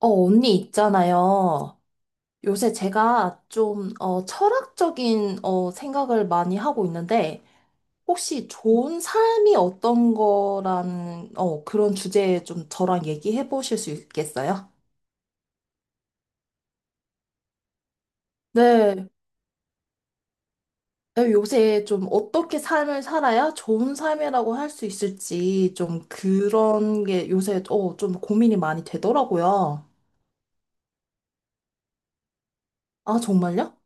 언니 있잖아요. 요새 제가 좀, 철학적인, 생각을 많이 하고 있는데, 혹시 좋은 삶이 어떤 거라는, 그런 주제에 좀 저랑 얘기해 보실 수 있겠어요? 네. 네, 요새 좀 어떻게 삶을 살아야 좋은 삶이라고 할 수 있을지 좀 그런 게 요새, 좀 고민이 많이 되더라고요. 아, 정말요?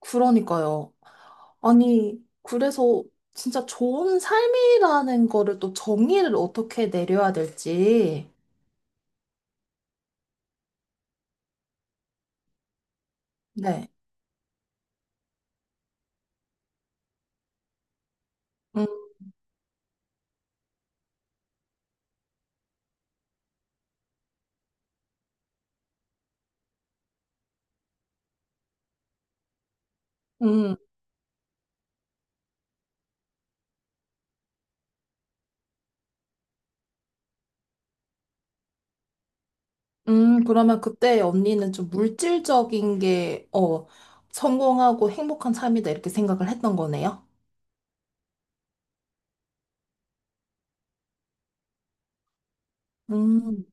그러니까요. 아니, 그래서 진짜 좋은 삶이라는 거를 또 정의를 어떻게 내려야 될지. 네. 음, 음, 그러면 그때 언니는 좀 물질적인 게, 성공하고 행복한 삶이다, 이렇게 생각을 했던 거네요. 음,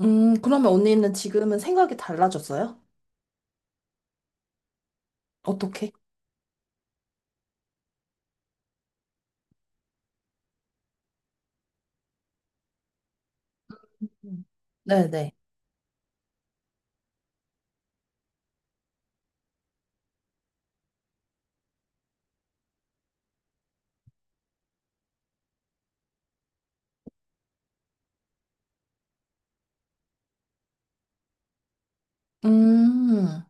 그러면 언니는 지금은 생각이 달라졌어요? 어떻게? 음. 네네. 음,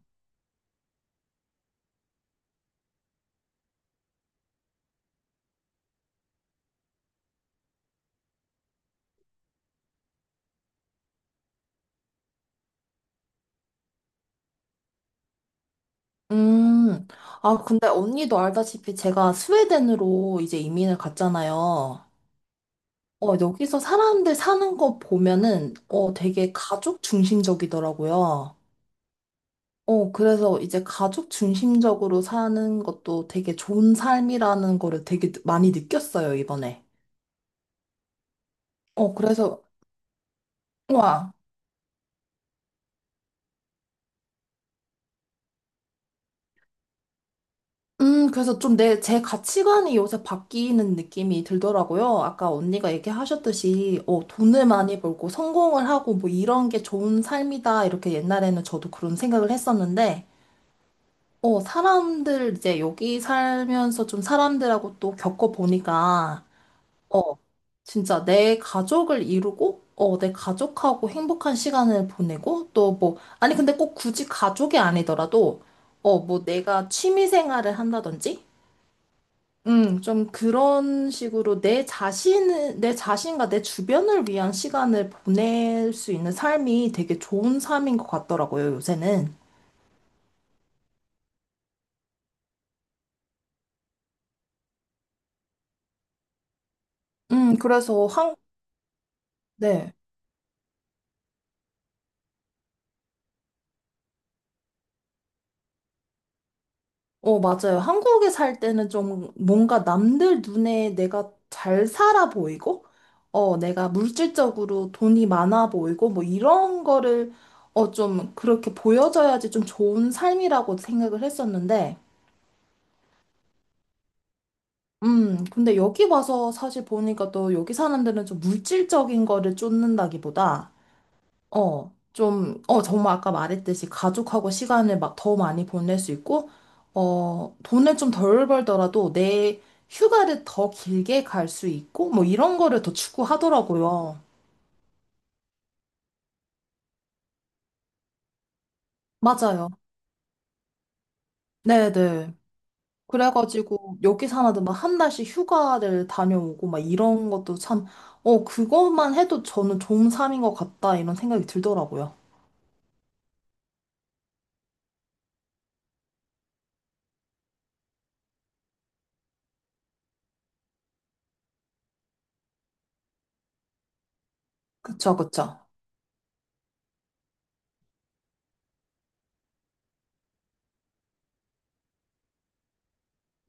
음. 아, 근데 언니도 알다시피 제가 스웨덴으로 이제 이민을 갔잖아요. 여기서 사람들 사는 거 보면은, 되게 가족 중심적이더라고요. 그래서 이제 가족 중심적으로 사는 것도 되게 좋은 삶이라는 거를 되게 많이 느꼈어요, 이번에. 그래서, 와, 그래서 좀 제 가치관이 요새 바뀌는 느낌이 들더라고요. 아까 언니가 얘기하셨듯이, 돈을 많이 벌고 성공을 하고 뭐 이런 게 좋은 삶이다. 이렇게 옛날에는 저도 그런 생각을 했었는데, 사람들 이제 여기 살면서 좀 사람들하고 또 겪어보니까, 어, 진짜 내 가족을 이루고, 내 가족하고 행복한 시간을 보내고, 또 뭐, 아니, 근데 꼭 굳이 가족이 아니더라도, 뭐 내가 취미 생활을 한다든지, 좀 그런 식으로 내 자신을, 내 자신과 내 주변을 위한 시간을 보낼 수 있는 삶이 되게 좋은 삶인 것 같더라고요, 요새는. 그래서 한, 네. 맞아요. 한국에 살 때는 좀 뭔가 남들 눈에 내가 잘 살아 보이고, 내가 물질적으로 돈이 많아 보이고, 뭐 이런 거를, 좀 그렇게 보여져야지 좀 좋은 삶이라고 생각을 했었는데, 근데 여기 와서 사실 보니까 또 여기 사람들은 좀 물질적인 거를 쫓는다기보다, 좀, 정말 아까 말했듯이 가족하고 시간을 막 더 많이 보낼 수 있고, 돈을 좀 덜 벌더라도 내 휴가를 더 길게 갈 수 있고, 뭐 이런 거를 더 추구하더라고요. 맞아요. 네네. 그래가지고 여기 사나도 막 한 달씩 휴가를 다녀오고 막 이런 것도 참, 그것만 해도 저는 좋은 삶인 것 같다 이런 생각이 들더라고요. 그쵸, 그쵸.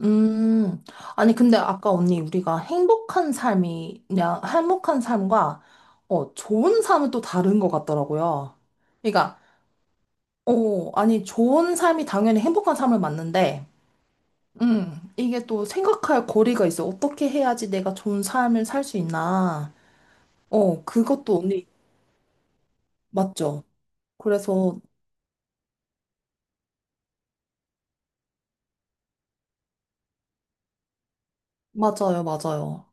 음, 아니, 근데 아까 언니, 우리가 행복한 삶이냐, 행복한 삶과, 좋은 삶은 또 다른 것 같더라고요. 그러니까, 아니, 좋은 삶이 당연히 행복한 삶을 맞는데, 이게 또 생각할 거리가 있어. 어떻게 해야지 내가 좋은 삶을 살 수 있나. 그것도 언니, 맞죠? 그래서, 맞아요, 맞아요.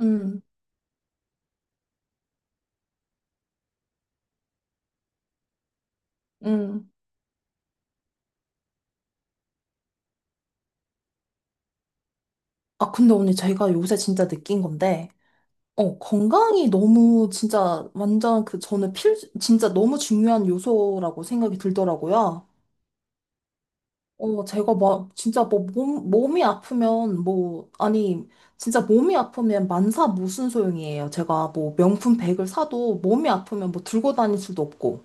음, 음. 아, 근데 언니, 제가 요새 진짜 느낀 건데, 건강이 너무 진짜 완전 그 저는 진짜 너무 중요한 요소라고 생각이 들더라고요. 제가 막 진짜 뭐 몸이 아프면 뭐, 아니, 진짜 몸이 아프면 만사 무슨 소용이에요. 제가 뭐 명품 백을 사도 몸이 아프면 뭐 들고 다닐 수도 없고.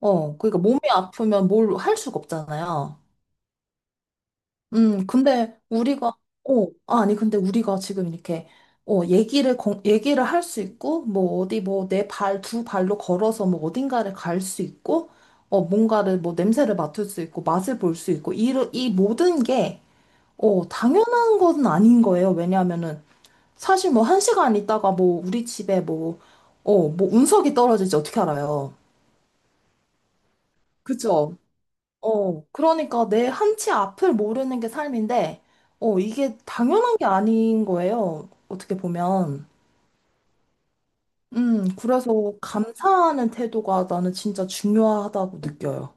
그러니까 몸이 아프면 뭘 할 수가 없잖아요. 근데 우리가, 아니, 근데 우리가 지금 이렇게, 얘기를 할 수 있고, 뭐, 어디, 뭐, 내 발, 두 발로 걸어서 뭐, 어딘가를 갈 수 있고, 뭔가를, 뭐, 냄새를 맡을 수 있고, 맛을 볼 수 있고, 이 모든 게, 당연한 건 아닌 거예요. 왜냐하면은, 사실 뭐, 한 시간 있다가 뭐, 우리 집에 뭐, 뭐, 운석이 떨어질지 어떻게 알아요? 그죠? 그러니까 내 한치 앞을 모르는 게 삶인데, 이게 당연한 게 아닌 거예요. 어떻게 보면. 그래서 감사하는 태도가 나는 진짜 중요하다고 느껴요.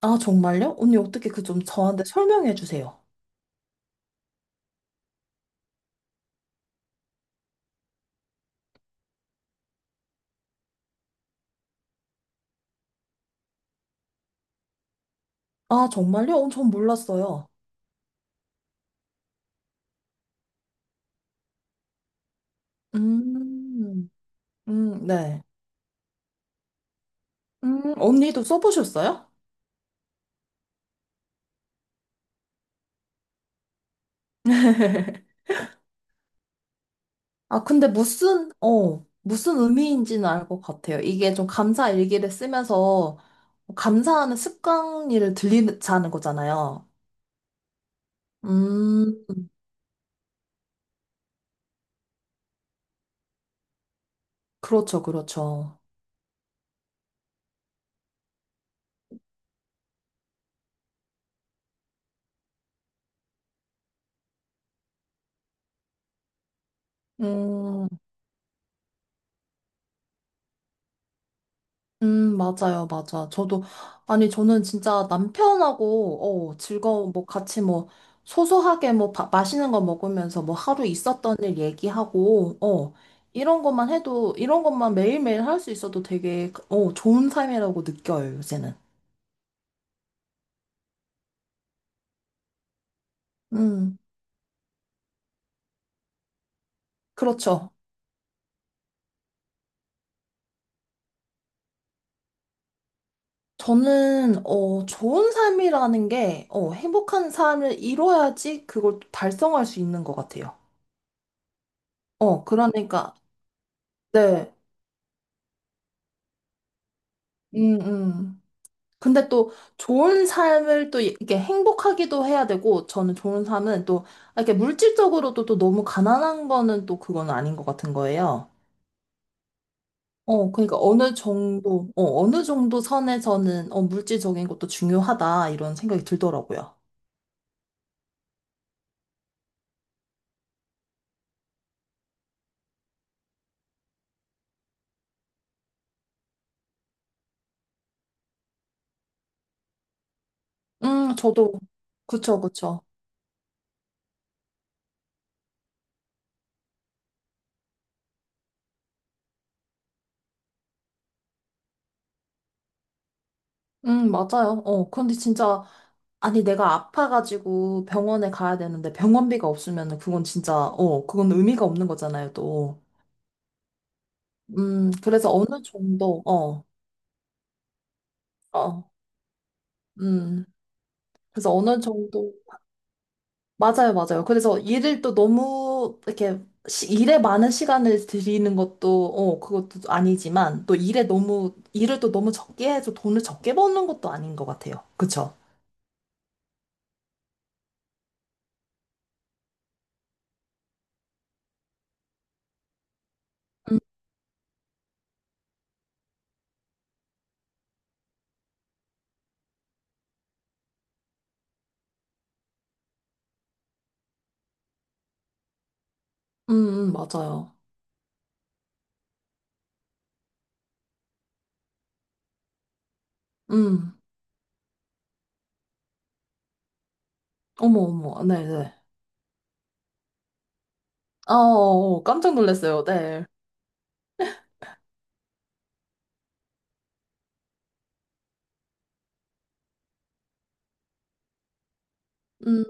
아, 정말요? 언니, 어떻게 그 좀 저한테 설명해 주세요. 아, 정말요? 전 몰랐어요. 음, 네. 언니도 써보셨어요? 아, 근데 무슨, 무슨 의미인지는 알 것 같아요. 이게 좀 감사 일기를 쓰면서 감사하는 습관을 들리자는 거잖아요. 음, 그렇죠, 그렇죠. 음, 맞아요, 맞아. 저도, 아니, 저는 진짜 남편하고, 즐거운, 뭐, 같이 뭐, 소소하게 뭐, 맛있는 거 먹으면서 뭐, 하루 있었던 일 얘기하고, 이런 것만 해도, 이런 것만 매일매일 할 수 있어도 되게, 좋은 삶이라고 느껴요, 요새는. 음, 그렇죠. 저는, 좋은 삶이라는 게, 행복한 삶을 이뤄야지 그걸 또 달성할 수 있는 것 같아요. 그러니까, 네. 음, 음. 근데 또 좋은 삶을 또 이렇게 행복하기도 해야 되고, 저는 좋은 삶은 또, 이렇게 물질적으로도 또 너무 가난한 거는 또 그건 아닌 것 같은 거예요. 그러니까 어느 정도, 어느 정도 선에서는, 물질적인 것도 중요하다, 이런 생각이 들더라고요. 저도. 그쵸, 그쵸. 맞아요. 근데 진짜, 아니, 내가 아파가지고 병원에 가야 되는데 병원비가 없으면 그건 진짜, 그건 의미가 없는 거잖아요, 또. 음, 그래서 어느 정도, 어, 어, 음, 그래서 어느 정도, 맞아요, 맞아요. 그래서 일을 또 너무, 이렇게, 일에 많은 시간을 들이는 것도, 그것도 아니지만, 또 일에 너무, 일을 또 너무 적게 해서 돈을 적게 버는 것도 아닌 것 같아요. 그쵸? 음, 맞아요. 음, 어머, 어머, 네네. 아, 어, 어, 어. 깜짝 놀랐어요, 네. 음,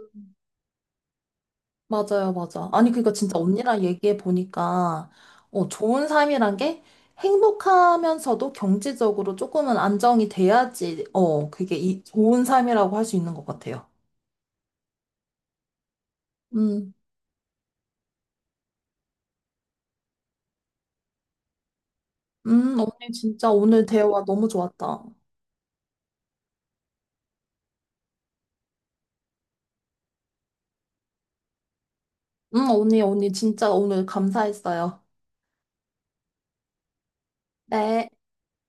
맞아요, 맞아. 아니, 그니까 진짜 언니랑 얘기해 보니까, 좋은 삶이란 게 행복하면서도 경제적으로 조금은 안정이 돼야지, 그게 이 좋은 삶이라고 할 수 있는 것 같아요. 음, 언니 진짜 오늘 대화 너무 좋았다. 언니, 언니 진짜 오늘 감사했어요. 네.